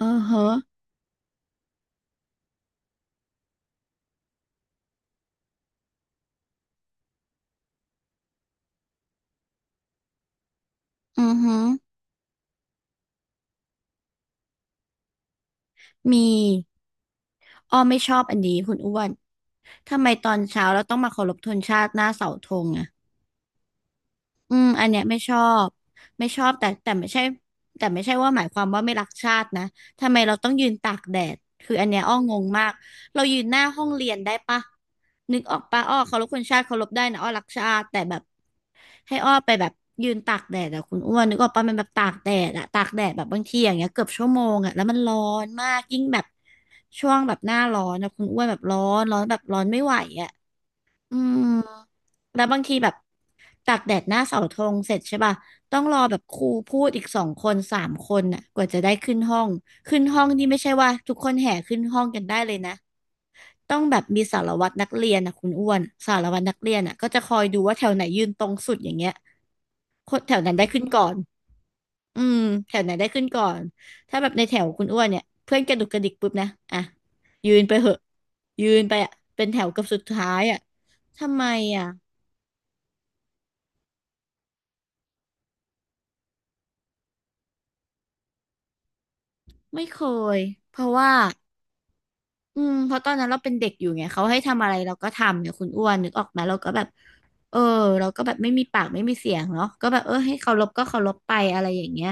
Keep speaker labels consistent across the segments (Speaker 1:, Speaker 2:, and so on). Speaker 1: อือฮะอือฮึมีอ้อไม่ชอบอันนี้คุณอ้วน ทำไมตอนเช้าเราต้องมาเคารพธงชาติหน้าเสาธงอะ อืมอันเนี้ยไม่ชอบไม่ชอบแต่ไม่ใช่แต่ไม่ใช่ว่าหมายความว่าไม่รักชาตินะทำไมเราต้องยืนตากแดดคืออันเนี้ยอ้องงมากเรายืนหน้าห้องเรียนได้ปะนึกออกปะอ้อเคารพคนชาติเคารพได้นะอ้อรักชาติแต่แบบให้อ้อไปแบบยืนตากแดดอะคุณอ้วนนึกออกปะมันแบบตากแดดอะตากแดดแบบบางทีอย่างเงี้ยเกือบชั่วโมงอะแล้วมันร้อนมากยิ่งแบบช่วงแบบหน้าร้อนนะคุณอ้วนแบบร้อนร้อนแบบร้อนไม่ไหวอะ อืมแล้วบางทีแบบตากแดดหน้าเสาธงเสร็จใช่ป่ะต้องรอแบบครูพูดอีกสองคนสามคนน่ะกว่าจะได้ขึ้นห้องขึ้นห้องนี่ไม่ใช่ว่าทุกคนแห่ขึ้นห้องกันได้เลยนะต้องแบบมีสารวัตรนักเรียนน่ะคุณอ้วนสารวัตรนักเรียนอ่ะก็จะคอยดูว่าแถวไหนยืนตรงสุดอย่างเงี้ยคนแถวนั้นได้ขึ้นก่อนอืมแถวไหนได้ขึ้นก่อนถ้าแบบในแถวคุณอ้วนเนี่ยเพื่อนกระดุกกระดิกปุ๊บนะอ่ะยืนไปเหอะยืนไปอ่ะเป็นแถวเกับสุดท้ายอ่ะทำไมอ่ะ ไม่เคย เพราะว่า อืมเพราะตอนนั้นเราเป็นเด็กอยู่ไงเขาให้ทำอะไรเราก็ทำเนี่ยคุณอ้วนนึกออกไหมเราก็แบบเออเราก็แบบไม่มีปากไม่มีเสียงเนาะก็แบบเออให้เคารพก็เคารพไปอะไรอย่างเงี้ย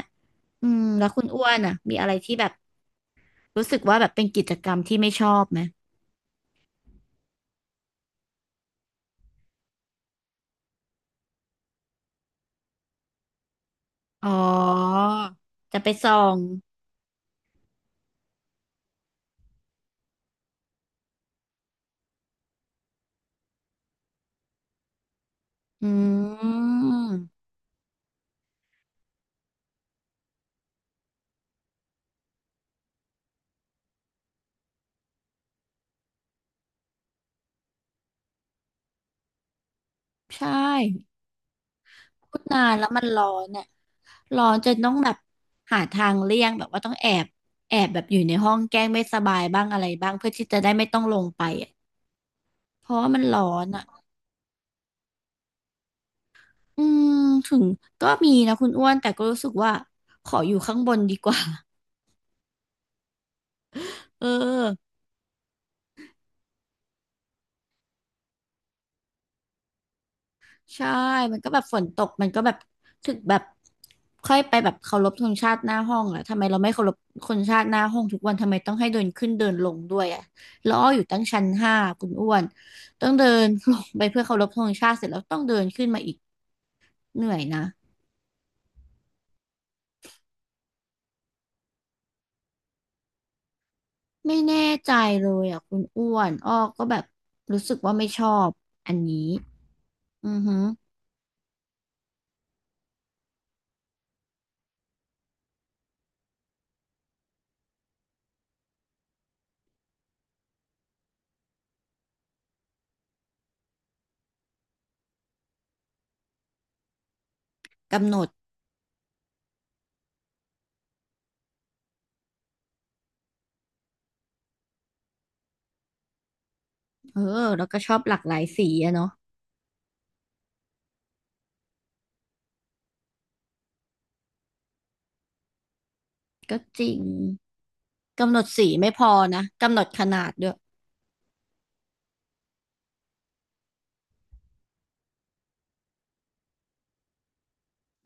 Speaker 1: อืมแล้วคุณอ้วนอ่ะมีอะไรที่แบบรู้สึกว่าแบบเป็นกิจกรรมที่ไม่ชอบไหมอ๋อจะไปส่องอืม ใช่ พูดนานแล้วมันร้อนเนี่ยร้อนจนต้องแบบหาทางเลี่ยงแบบว่าต้องแอบแบบอยู่ในห้องแกล้งไม่สบายบ้างอะไรบ้างเพื่อที่จะได้ไม่ต้องลงไปอ่ะเพราะว่ามันร้อนอ่ะอืมถึงก็มีนะคุณอ้วนแต่ก็รู้สึกว่าขออยู่ข้างบนดีกว่า เออ ใช่มันก็แบบฝนตกมันก็แบบถึกแบบค่อยไปแบบเคารพธงชาติหน้าห้องอะทำไมเราไม่เคารพคนชาติหน้าห้องทุกวัน ทำไมต้องให้เดินขึ้นเดินลงด้วยอะแล้วอ้ออยู่ตั้งชั้นห้าคุณอ้วน ต้องเดินลงไปเพื่อเคารพธงชาติเสร็จแล้วต้องเดินขึ้นมาอีกเหนื่อยนะ ไม่แน่ใจเลยอะคุณอ้วนอ้อก็แบบรู้สึกว่าไม่ชอบอันนี้อือหือกำหนดเออแล้วก็ชอบหลากหลายสีอะเนาะก็จริงกำหนดสีไม่พอนะกำหนดขนาดด้วย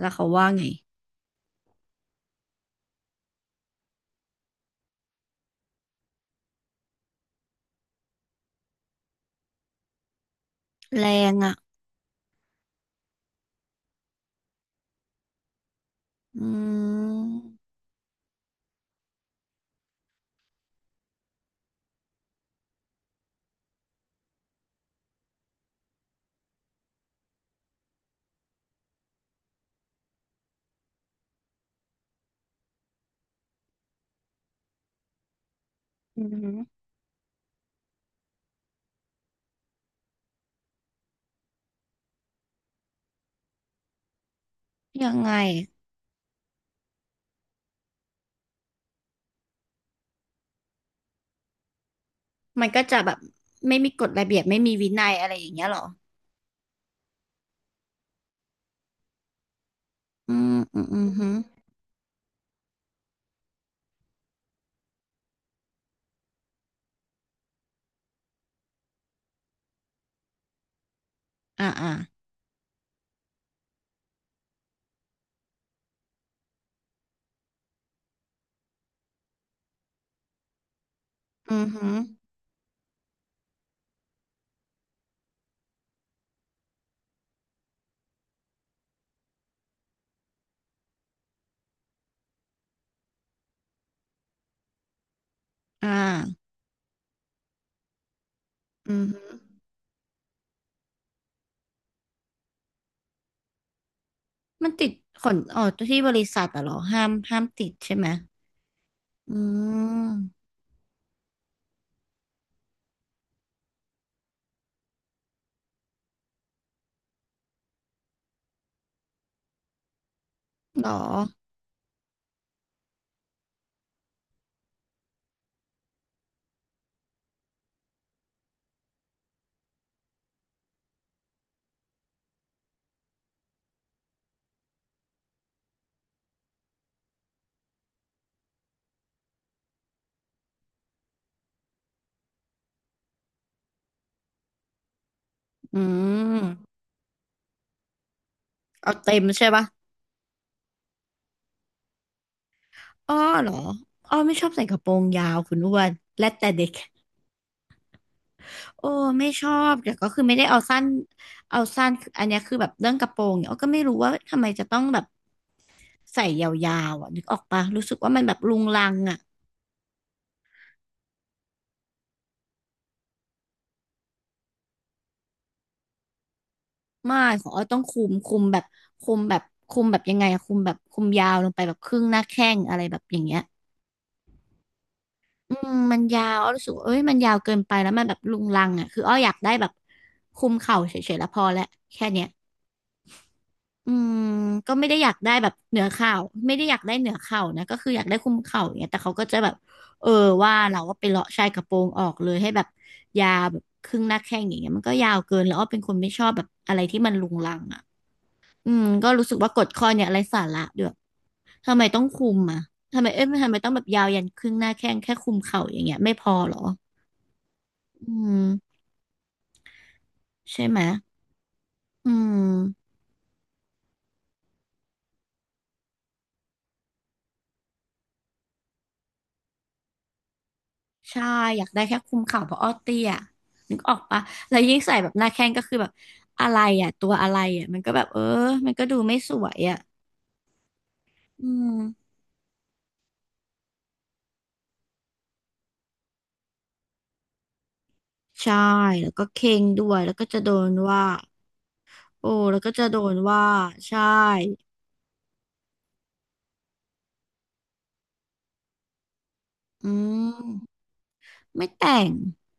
Speaker 1: แล้วเขาว่าไงแรงอ่ะอืมอืมยังไง มันก็จะแบบไม่มีกฎระเบียบไม่มีวินัยอะไรอย่างเงี้ยเหรออืมอืมอืมฮึอ่าอ่าอืมฮึอ่าอืมฮึมันติดขนอ๋อที่บริษัทอะเหรอห้ามติดใช่ไหมอืมเหรออืมเอาเต็มใช่ปะอ้อเหรออ้อไม่ชอบใส่กระโปรงยาวคุณอ้วนและแต่เด็ก โอ้ไม่ชอบแต่ก็คือไม่ได้เอาสั้นเอาสั้นอันเนี้ยคือแบบเรื่องกระโปรงเนี่ยอ้อก็ไม่รู้ว่าทำไมจะต้องแบบใส่ยาวๆอ่ะนึกออกปะรู้สึกว่ามันแบบรุงรังอ่ะไม่ของอ้อต้องคุมแบบคุมแบบคุมแบบยังไงอะคุมแบบคุมยาวลงไปแบบครึ่งหน้าแข้งอะไรแบบอย่างเงี้ยอืมมันยาวอ้อรู้สึกว่าเอ้ยมันยาวเกินไปแล้วมันแบบรุงรังอ่ะคืออ้ออยากได้แบบคุมเข่าเฉยๆแล้วพอแล้วแค่เนี้ย อืมก็ไม่ได้อยากได้แบบเหนือเข่าไม่ได้อยากได้เหนือเข่านะก็คืออยากได้คุมเข่าอย่างเงี้ยแต่เขาก็จะแบบเออว่าเราก็ไปเลาะชายกระโปรงออกเลยให้แบบยาวแบบครึ่งหน้าแข้งอย่างเงี้ยมันก็ยาวเกินแล้วอ้อเป็นคนไม่ชอบแบบอะไรที่มันรุงรังอ่ะอืมก็รู้สึกว่ากฎข้อเนี่ยอะไรสาระด้วยทำไมต้องคุมอ่ะทำไมเอ้ยทำไมต้องแบบยาวยันครึ่งหน้าแข้งแค่คุมเข่าอย่างเงี้ยไม่พอเหรออืมใช่ไหมอืม ใช่อยากได้แค่คุมเข่าเพราะอ้อเตี้ยนึกออกปะแล้วยิ่งใส่แบบหน้าแข้งก็คือแบบอะไรอ่ะตัวอะไรอ่ะมันก็แบบเออมันก็ดูไม่สวยอ่ะอืมใช่แล้วก็เค็งด้วยแล้วก็จะโดนว่าโอ้แล้วก็จะโดนว่าใช่อืมไม่แต่ง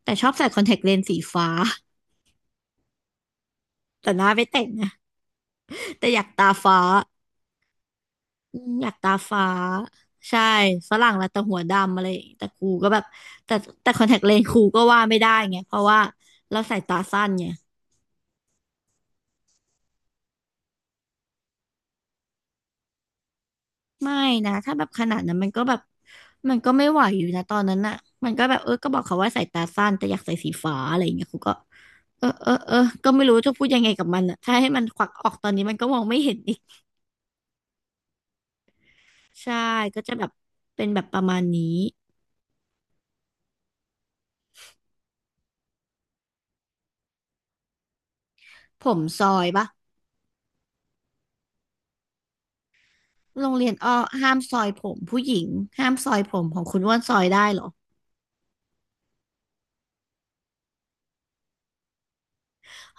Speaker 1: แต่ชอบใส่คอนแทคเลนส์สีฟ้าแต่หน้าไม่แต่งนะแต่อยากตาฟ้า อืมอยากตาฟ้าใช่ฝรั่งละแต่หัวดำอะไรอย่างงี้แต่กูก็แบบแต่แต่คอนแทคเลนส์กูก็ว่าไม่ได้ไงเพราะว่าเราใส่ตาสั้นไงไม่นะถ้าแบบขนาดนั้นมันก็แบบมันก็ไม่ไหวอยู่นะตอนนั้นน่ะมันก็แบบเออก็บอกเขาว่าใส่ตาสั้นแต่อยากใส่สีฟ้าอะไรอย่างเงี้ยกูก็เออก็ไม่รู้จะพูดยังไงกับมันอ่ะถ้าให้มันควักออกตอนนี้มันก็มองไม่เห็นอีกใช่ก็จะแบบเป็นแบบประมาณนี้ผมซอยปะ โรงเรียนอ้อห้ามซอยผมผู้หญิงห้ามซอยผมของคุณว่านซอยได้เหรอ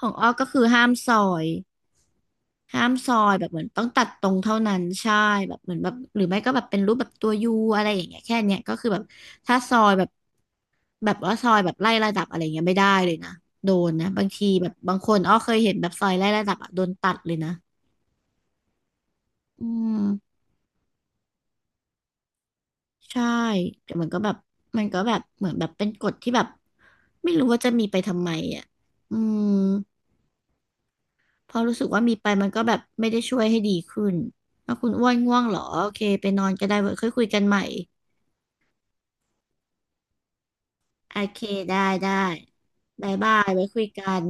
Speaker 1: ของอ้อก็คือยห้ามซอยแบบเหมือนต้องตัดตรงเท่านั้นใช่แบบเหมือนแบบหรือไม่ก็แบบเป็นรูปแบบตัวยูอะไรอย่างเงี้ยแค่เนี้ยก็คือแบบถ้าซอยแบบแบบว่าซอยแบบไล่ระดับอะไรเงี้ยไม่ได้เลยนะโดนนะบางทีแบบบางคนอ้อเคยเห็นแบบซอยไล่ระดับอะโดนตัดเลยนะอืมใช่แต่มันก็แบบมันก็แบบเหมือนแบบเป็นกฎที่แบบไม่รู้ว่าจะมีไปทำไมอ่ะอืม เพราะรู้สึกว่ามีไปมันก็แบบไม่ได้ช่วยให้ดีขึ้นถ้าคุณอ้วนง่วงเหรอโอเคไปนอนก็ได้เว้ยค่อยคุยกันใหม่โอเคได้ได้บ๊ายบายไว้คุยกัน